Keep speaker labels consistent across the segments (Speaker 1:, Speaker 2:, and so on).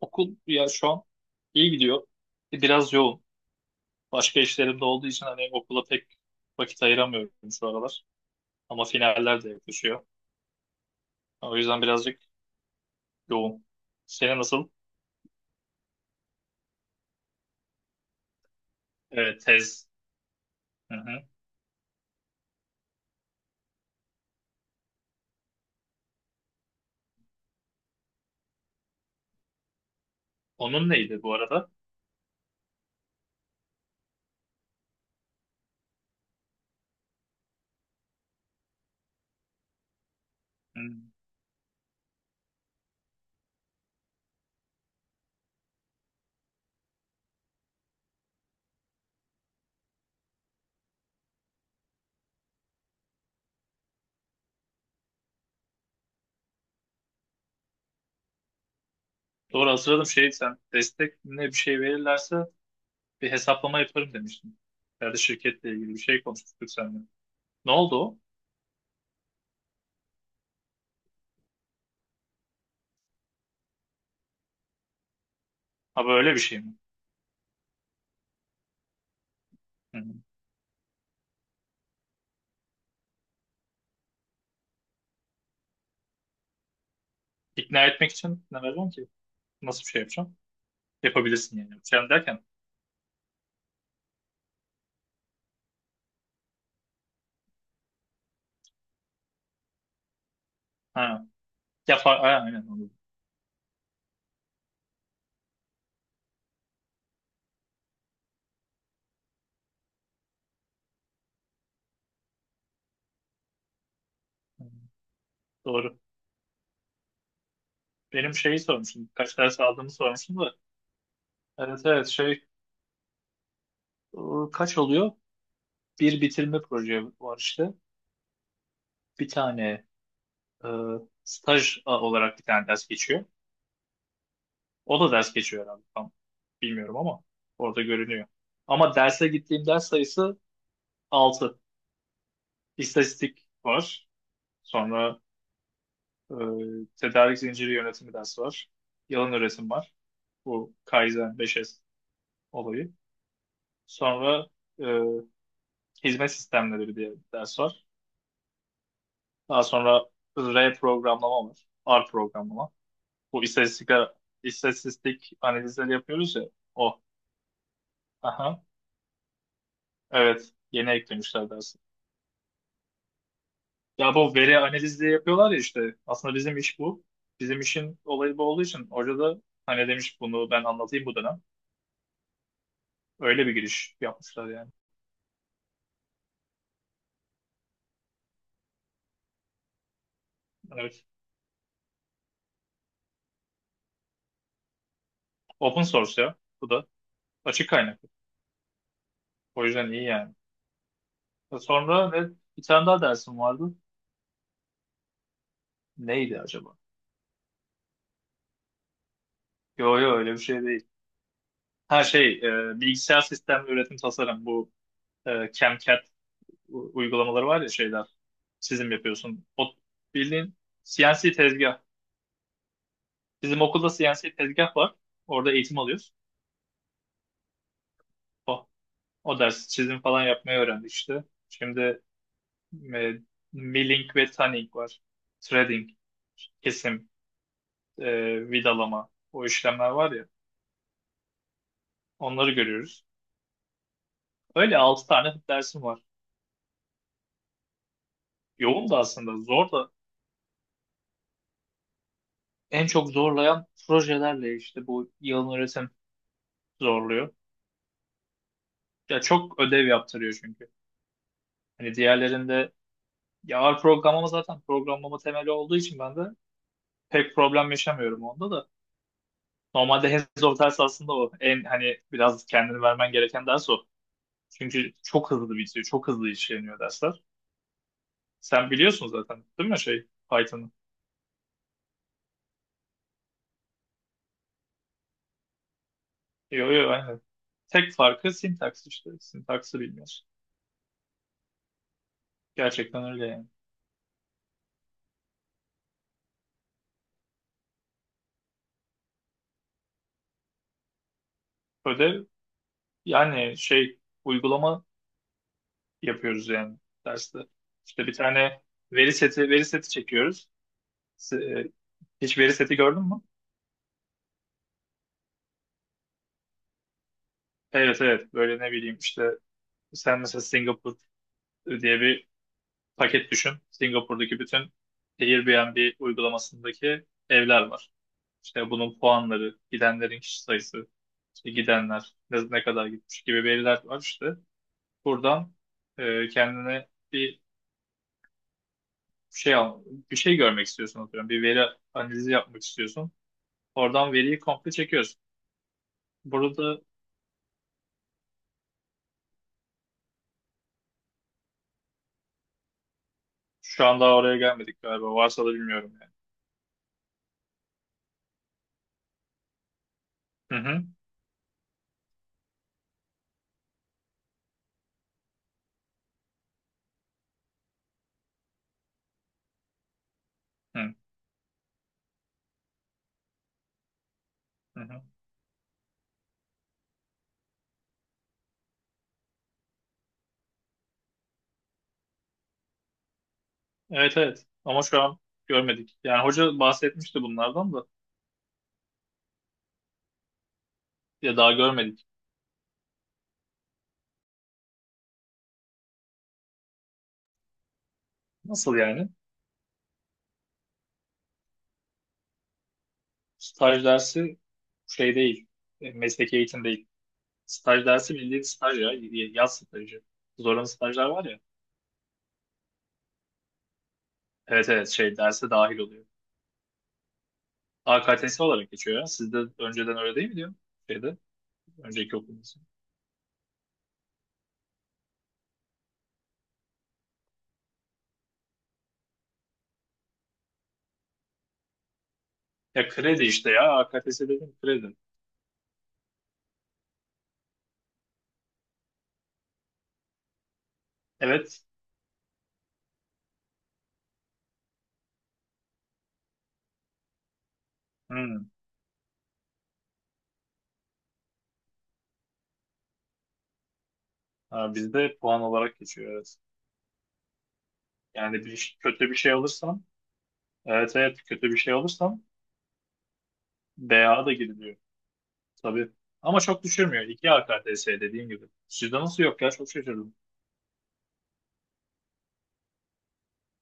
Speaker 1: Okul ya şu an iyi gidiyor. Biraz yoğun. Başka işlerim de olduğu için hani okula pek vakit ayıramıyorum şu aralar. Ama finaller de yaklaşıyor. O yüzden birazcık yoğun. Senin nasıl? Evet, tez. Hı hı. Onun neydi bu arada? Hı. Doğru hatırladım şey sen destek ne bir şey verirlerse bir hesaplama yaparım demiştin. Herhalde şirketle ilgili bir şey konuşmuştuk seninle. Ne oldu o? Ha böyle bir şey mi? Hı hı. İkna etmek için ne vereceğim ki? Nasıl bir şey yapacağım? Yapabilirsin yani. Yapacağım derken ha. Ya, ha, aynen anladım. Hı, doğru. Benim şeyi sormuşsun. Kaç ders aldığımı sormuşsun da. Evet evet şey, kaç oluyor? Bir bitirme proje var işte. Bir tane, staj olarak bir tane ders geçiyor. O da ders geçiyor herhalde. Tam bilmiyorum ama orada görünüyor. Ama derse gittiğim ders sayısı altı. İstatistik var. Sonra tedarik zinciri yönetimi dersi var. Yalın üretim var. Bu Kaizen 5S olayı. Sonra e, hizmet sistemleri diye bir ders var. Daha sonra R programlama var. R programlama. Bu istatistikler, istatistik analizleri yapıyoruz ya. O. Aha. Evet. Yeni eklemişler dersi. Ya bu veri analizi yapıyorlar ya işte. Aslında bizim iş bu. Bizim işin olayı bu olduğu için hoca da hani demiş bunu ben anlatayım bu dönem. Öyle bir giriş yapmışlar yani. Evet. Open source ya. Bu da açık kaynak. O yüzden iyi yani. Sonra ne? Bir tane daha dersim vardı. Neydi acaba? Yo yo öyle bir şey değil. Her şey, bilgisayar sistemli üretim tasarım bu, CAM/CAD uygulamaları var ya şeyler. Çizim yapıyorsun. O bildiğin CNC tezgah. Bizim okulda CNC tezgah var. Orada eğitim alıyoruz. O, o ders çizim falan yapmayı öğrendik işte. Şimdi e, milling ve tanning var. Threading, kesim, vidalama o işlemler var ya. Onları görüyoruz. Öyle 6 tane dersim var. Yoğun da aslında zor da, en çok zorlayan projelerle işte bu yalın öğretim zorluyor. Ya çok ödev yaptırıyor çünkü. Hani diğerlerinde ya, ağır programlama zaten programlama temeli olduğu için ben de pek problem yaşamıyorum onda da. Normalde hands-on ders aslında o. En hani biraz kendini vermen gereken ders o. Çünkü çok hızlı bitiyor. Çok hızlı işleniyor dersler. Sen biliyorsun zaten değil mi şey, Python'ı? Yo yo aynen. Tek farkı sintaks işte. Sintaksı bilmiyorsun. Gerçekten öyle yani. Ödev yani şey, uygulama yapıyoruz yani derste. İşte bir tane veri seti çekiyoruz. S- e, Hiç veri seti gördün mü? Evet evet böyle ne bileyim işte, sen mesela Singapur diye bir paket düşün. Singapur'daki bütün Airbnb uygulamasındaki evler var. İşte bunun puanları, gidenlerin kişi sayısı, işte gidenler ne kadar gitmiş gibi veriler var işte. Buradan kendine bir şey al, bir şey görmek istiyorsun atıyorum. Bir veri analizi yapmak istiyorsun. Oradan veriyi komple çekiyoruz. Burada şu an daha oraya gelmedik galiba. Varsa da bilmiyorum yani. Hı hı. Hı hı. Hı. Evet evet. Ama şu an görmedik. Yani hoca bahsetmişti bunlardan da. Ya daha görmedik. Nasıl yani? Staj dersi şey değil. E, mesleki eğitim değil. Staj dersi bildiğin staj ya. Yaz stajı. Zorunlu stajlar var ya. Evet evet şey, derse dahil oluyor. AKTS olarak geçiyor ya. Sizde önceden öyle değil mi diyor? Şeyde. Önceki okulunuzda. Ya kredi işte ya. AKTS dedim kredi. Evet. Hmm. Ha, bizde puan olarak geçiyor evet. Yani kötü bir şey alırsam, evet evet, kötü bir şey alırsam BA da giriliyor. Tabii. Ama çok düşürmüyor. 2 AKTS dediğim gibi. Sizde nasıl yok ya? Çok şaşırdım.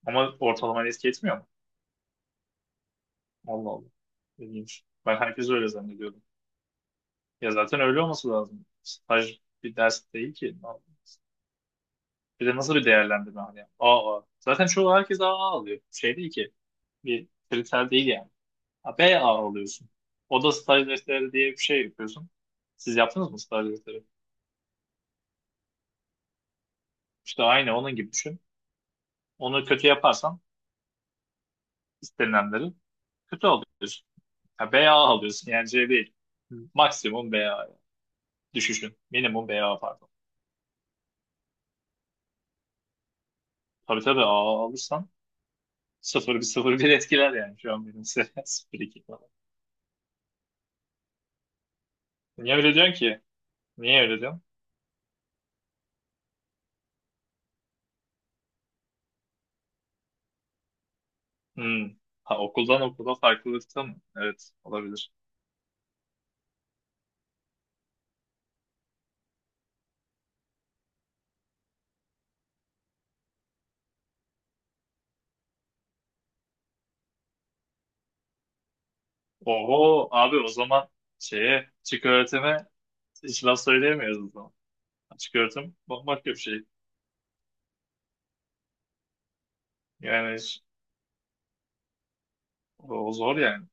Speaker 1: Ama ortalama eski etmiyor mu? Allah Allah. İlginç. Ben herkes öyle zannediyordum. Ya zaten öyle olması lazım. Staj bir ders değil ki. Ne yapacağız? Bir de nasıl bir değerlendirme hani? AA. Zaten çoğu herkes AA alıyor. Şey değil ki. Bir kriter değil yani. Ha, B A alıyorsun. Oda staj defteri diye bir şey yapıyorsun. Siz yaptınız mı staj defteri? İşte aynı onun gibi düşün. Onu kötü yaparsan istenilenleri kötü alıyorsun. Ha, B A alıyorsun yani, C değil. Maksimum B A düşüşün. Minimum B A pardon. Tabii tabii, A alırsan sıfır bir sıfır bir etkiler, yani şu an benim seviyem 0 falan. Niye öyle diyorsun ki? Niye öyle diyorsun? Hmm. Ha, okuldan okula farklılıkta mı? Evet olabilir. Oho abi o zaman şeye çık, öğretime. Hiç laf söyleyemiyoruz o zaman. Açık öğretim bambaşka bir şey. Yani o zor yani.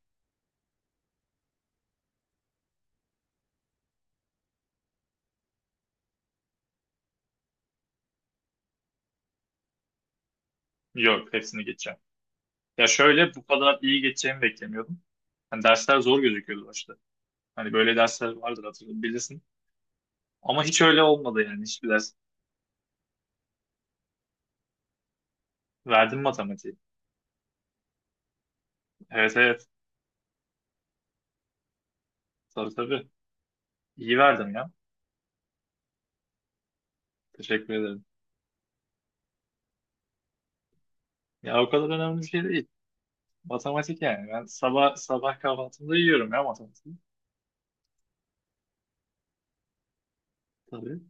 Speaker 1: Yok hepsini geçeceğim. Ya şöyle bu kadar iyi geçeceğimi beklemiyordum. Hani dersler zor gözüküyordu başta. Hani böyle dersler vardır hatırlıyorum bilirsin. Ama hiç öyle olmadı yani, hiçbir ders. Verdim matematiği. Evet evet. Tabii tabii. İyi verdim ya. Teşekkür ederim. Ya o kadar önemli bir şey değil. Matematik yani. Ben sabah sabah kahvaltımda yiyorum ya matematiği. Tabii.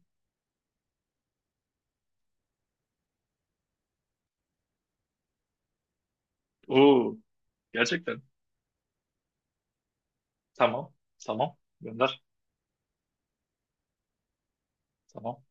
Speaker 1: Oo, gerçekten. Tamam. Tamam. Gönder. Tamam.